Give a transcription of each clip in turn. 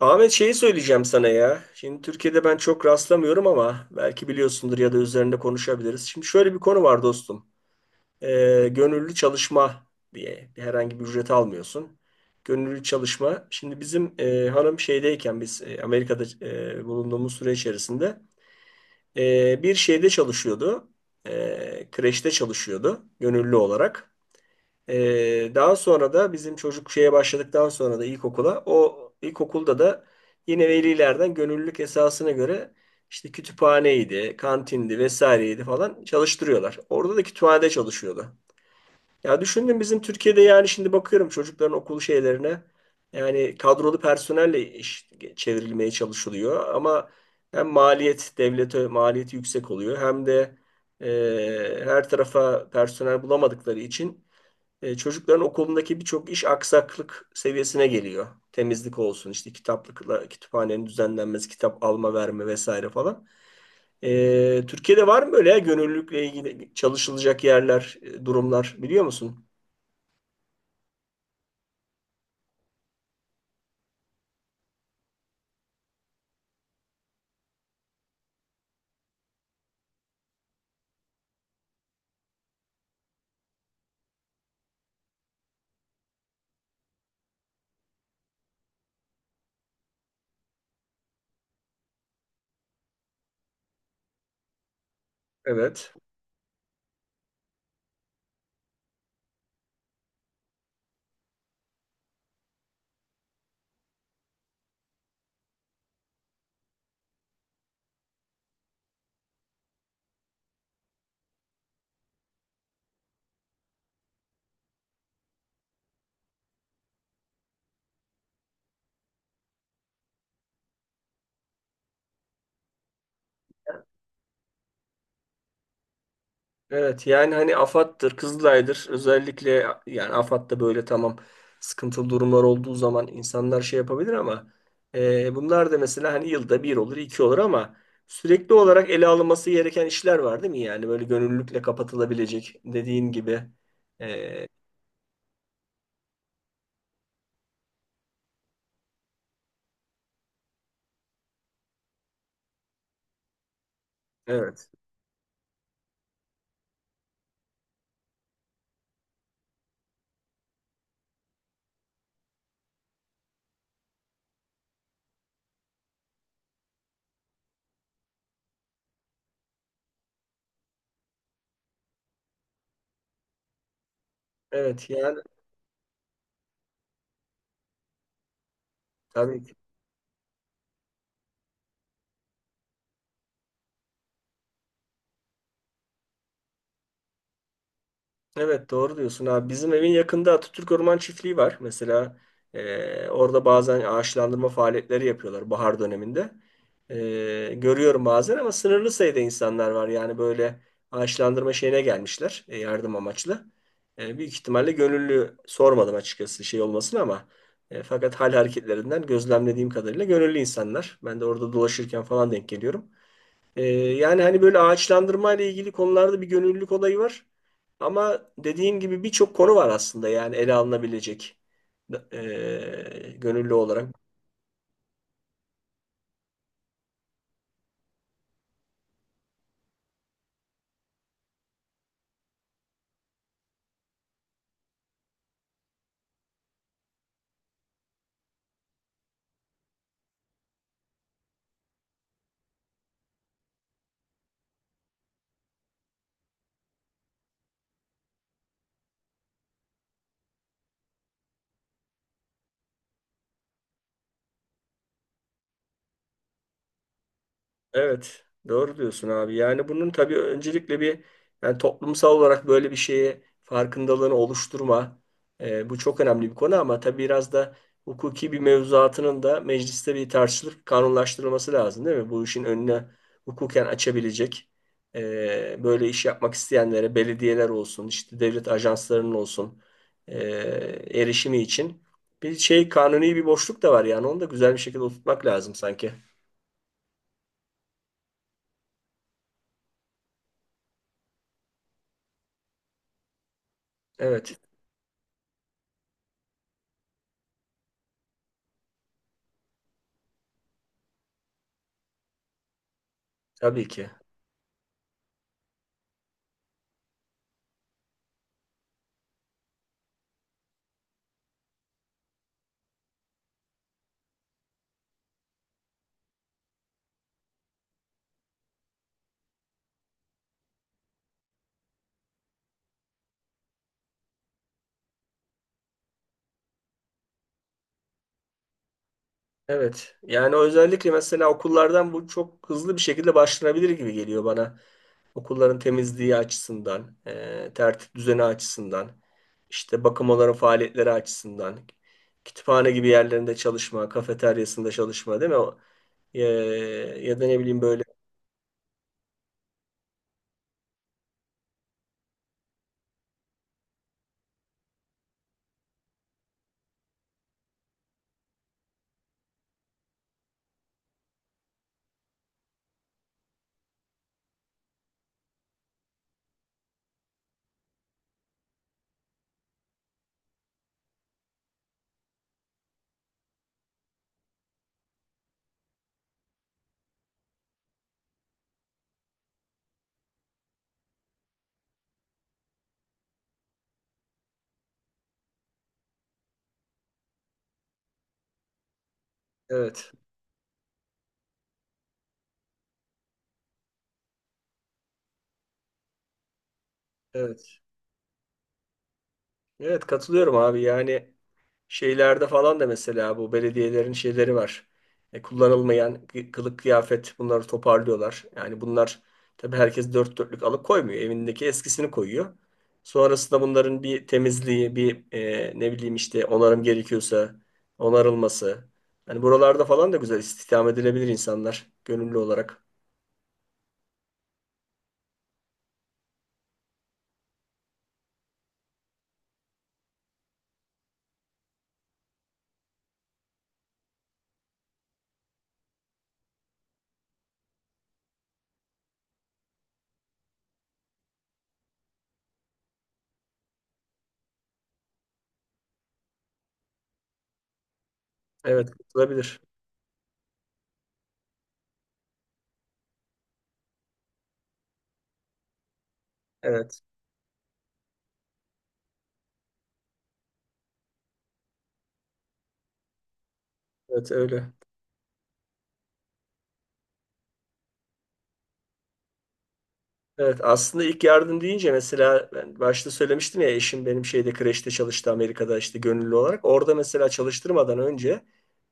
Ahmet şeyi söyleyeceğim sana ya. Şimdi Türkiye'de ben çok rastlamıyorum ama belki biliyorsundur ya da üzerinde konuşabiliriz. Şimdi şöyle bir konu var dostum. Gönüllü çalışma diye bir herhangi bir ücret almıyorsun. Gönüllü çalışma. Şimdi bizim hanım şeydeyken biz Amerika'da bulunduğumuz süre içerisinde bir şeyde çalışıyordu. Kreşte çalışıyordu gönüllü olarak. Daha sonra da bizim çocuk şeye başladıktan sonra da ilkokula o ilkokulda da yine velilerden gönüllülük esasına göre işte kütüphaneydi, kantindi vesaireydi falan çalıştırıyorlar. Orada da kütüphanede çalışıyordu. Ya düşündüm bizim Türkiye'de yani şimdi bakıyorum çocukların okul şeylerine yani kadrolu personelle iş çevrilmeye çalışılıyor ama hem maliyet devlete maliyeti yüksek oluyor hem de her tarafa personel bulamadıkları için çocukların okulundaki birçok iş aksaklık seviyesine geliyor. Temizlik olsun, işte kitaplıkla, kütüphanenin düzenlenmesi, kitap alma verme vesaire falan. Türkiye'de var mı böyle ya gönüllülükle ilgili çalışılacak yerler, durumlar biliyor musun? Evet. Evet yani hani AFAD'dır, Kızılay'dır. Özellikle yani AFAD'da böyle tamam sıkıntılı durumlar olduğu zaman insanlar şey yapabilir ama bunlar da mesela hani yılda bir olur, iki olur ama sürekli olarak ele alınması gereken işler var değil mi? Yani böyle gönüllülükle kapatılabilecek dediğin gibi. E, evet. Evet yani tabii ki. Evet doğru diyorsun abi. Bizim evin yakında Atatürk Orman Çiftliği var. Mesela orada bazen ağaçlandırma faaliyetleri yapıyorlar bahar döneminde. Görüyorum bazen ama sınırlı sayıda insanlar var. Yani böyle ağaçlandırma şeyine gelmişler yardım amaçlı. Büyük ihtimalle gönüllü sormadım açıkçası şey olmasını ama fakat hal hareketlerinden gözlemlediğim kadarıyla gönüllü insanlar. Ben de orada dolaşırken falan denk geliyorum. Yani hani böyle ağaçlandırma ile ilgili konularda bir gönüllülük olayı var. Ama dediğim gibi birçok konu var aslında yani ele alınabilecek gönüllü olarak. Evet, doğru diyorsun abi. Yani bunun tabii öncelikle bir yani toplumsal olarak böyle bir şeye farkındalığını oluşturma bu çok önemli bir konu ama tabii biraz da hukuki bir mevzuatının da mecliste bir tartışılıp kanunlaştırılması lazım değil mi? Bu işin önüne hukuken açabilecek böyle iş yapmak isteyenlere belediyeler olsun, işte devlet ajanslarının olsun e, erişimi için bir şey kanuni bir boşluk da var yani onu da güzel bir şekilde oturtmak lazım sanki. Evet, tabii ki. Evet. Yani özellikle mesela okullardan bu çok hızlı bir şekilde başlanabilir gibi geliyor bana. Okulların temizliği açısından, tertip düzeni açısından, işte bakım onların faaliyetleri açısından, kütüphane gibi yerlerinde çalışma, kafeteryasında çalışma değil mi? O- E, ya da ne bileyim böyle. Evet, evet. Evet katılıyorum abi yani şeylerde falan da mesela bu belediyelerin şeyleri var. Kullanılmayan kılık kıyafet bunları toparlıyorlar. Yani bunlar tabii herkes dört dörtlük alıp koymuyor. Evindeki eskisini koyuyor. Sonrasında bunların bir temizliği, bir ne bileyim işte onarım gerekiyorsa onarılması. Yani buralarda falan da güzel istihdam edilebilir insanlar gönüllü olarak. Evet, katılabilir. Evet, evet öyle. Evet aslında ilk yardım deyince mesela ben başta söylemiştim ya eşim benim şeyde kreşte çalıştı Amerika'da işte gönüllü olarak. Orada mesela çalıştırmadan önce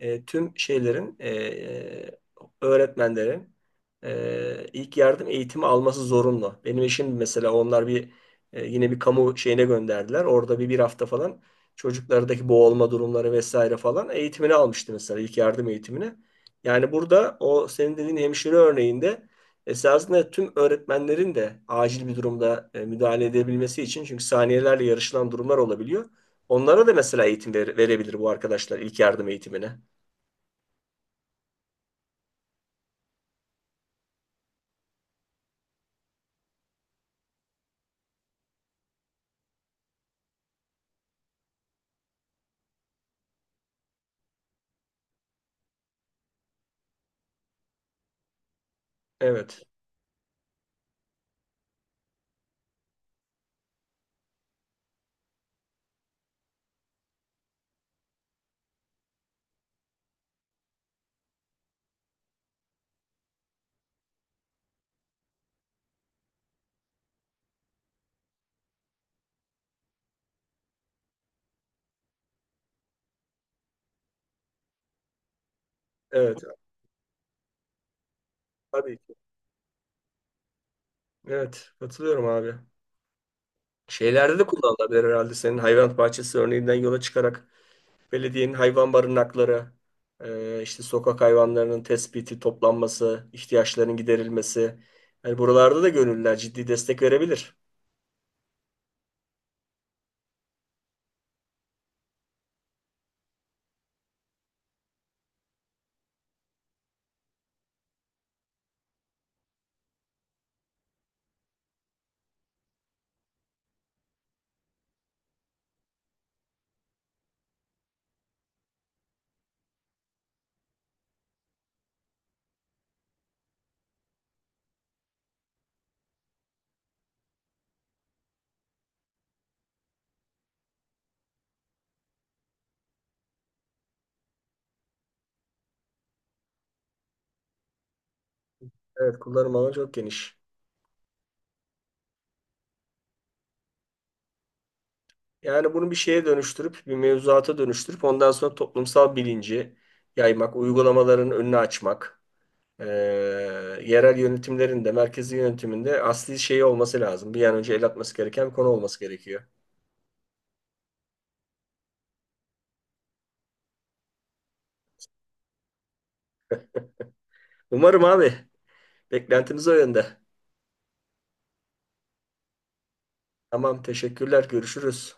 tüm şeylerin öğretmenlerin ilk yardım eğitimi alması zorunlu. Benim eşim mesela onlar bir yine bir kamu şeyine gönderdiler. Orada bir hafta falan çocuklardaki boğulma durumları vesaire falan eğitimini almıştı mesela ilk yardım eğitimini. Yani burada o senin dediğin hemşire örneğinde esasında tüm öğretmenlerin de acil bir durumda müdahale edebilmesi için çünkü saniyelerle yarışılan durumlar olabiliyor. Onlara da mesela verebilir bu arkadaşlar ilk yardım eğitimine. Evet. Evet. Tabii ki. Evet. Katılıyorum abi. Şeylerde de kullanılabilir herhalde senin hayvan bahçesi örneğinden yola çıkarak belediyenin hayvan barınakları, işte sokak hayvanlarının tespiti, toplanması, ihtiyaçlarının giderilmesi. Yani buralarda da gönüllüler ciddi destek verebilir. Evet, kullanım alanı çok geniş. Yani bunu bir şeye dönüştürüp, bir mevzuata dönüştürüp ondan sonra toplumsal bilinci yaymak, uygulamaların önünü açmak, eee, yerel yönetimlerin de merkezi yönetiminde asli şeyi olması lazım. Bir an önce el atması gereken bir konu olması gerekiyor. Umarım abi. Beklentimiz o yönde. Tamam, teşekkürler. Görüşürüz.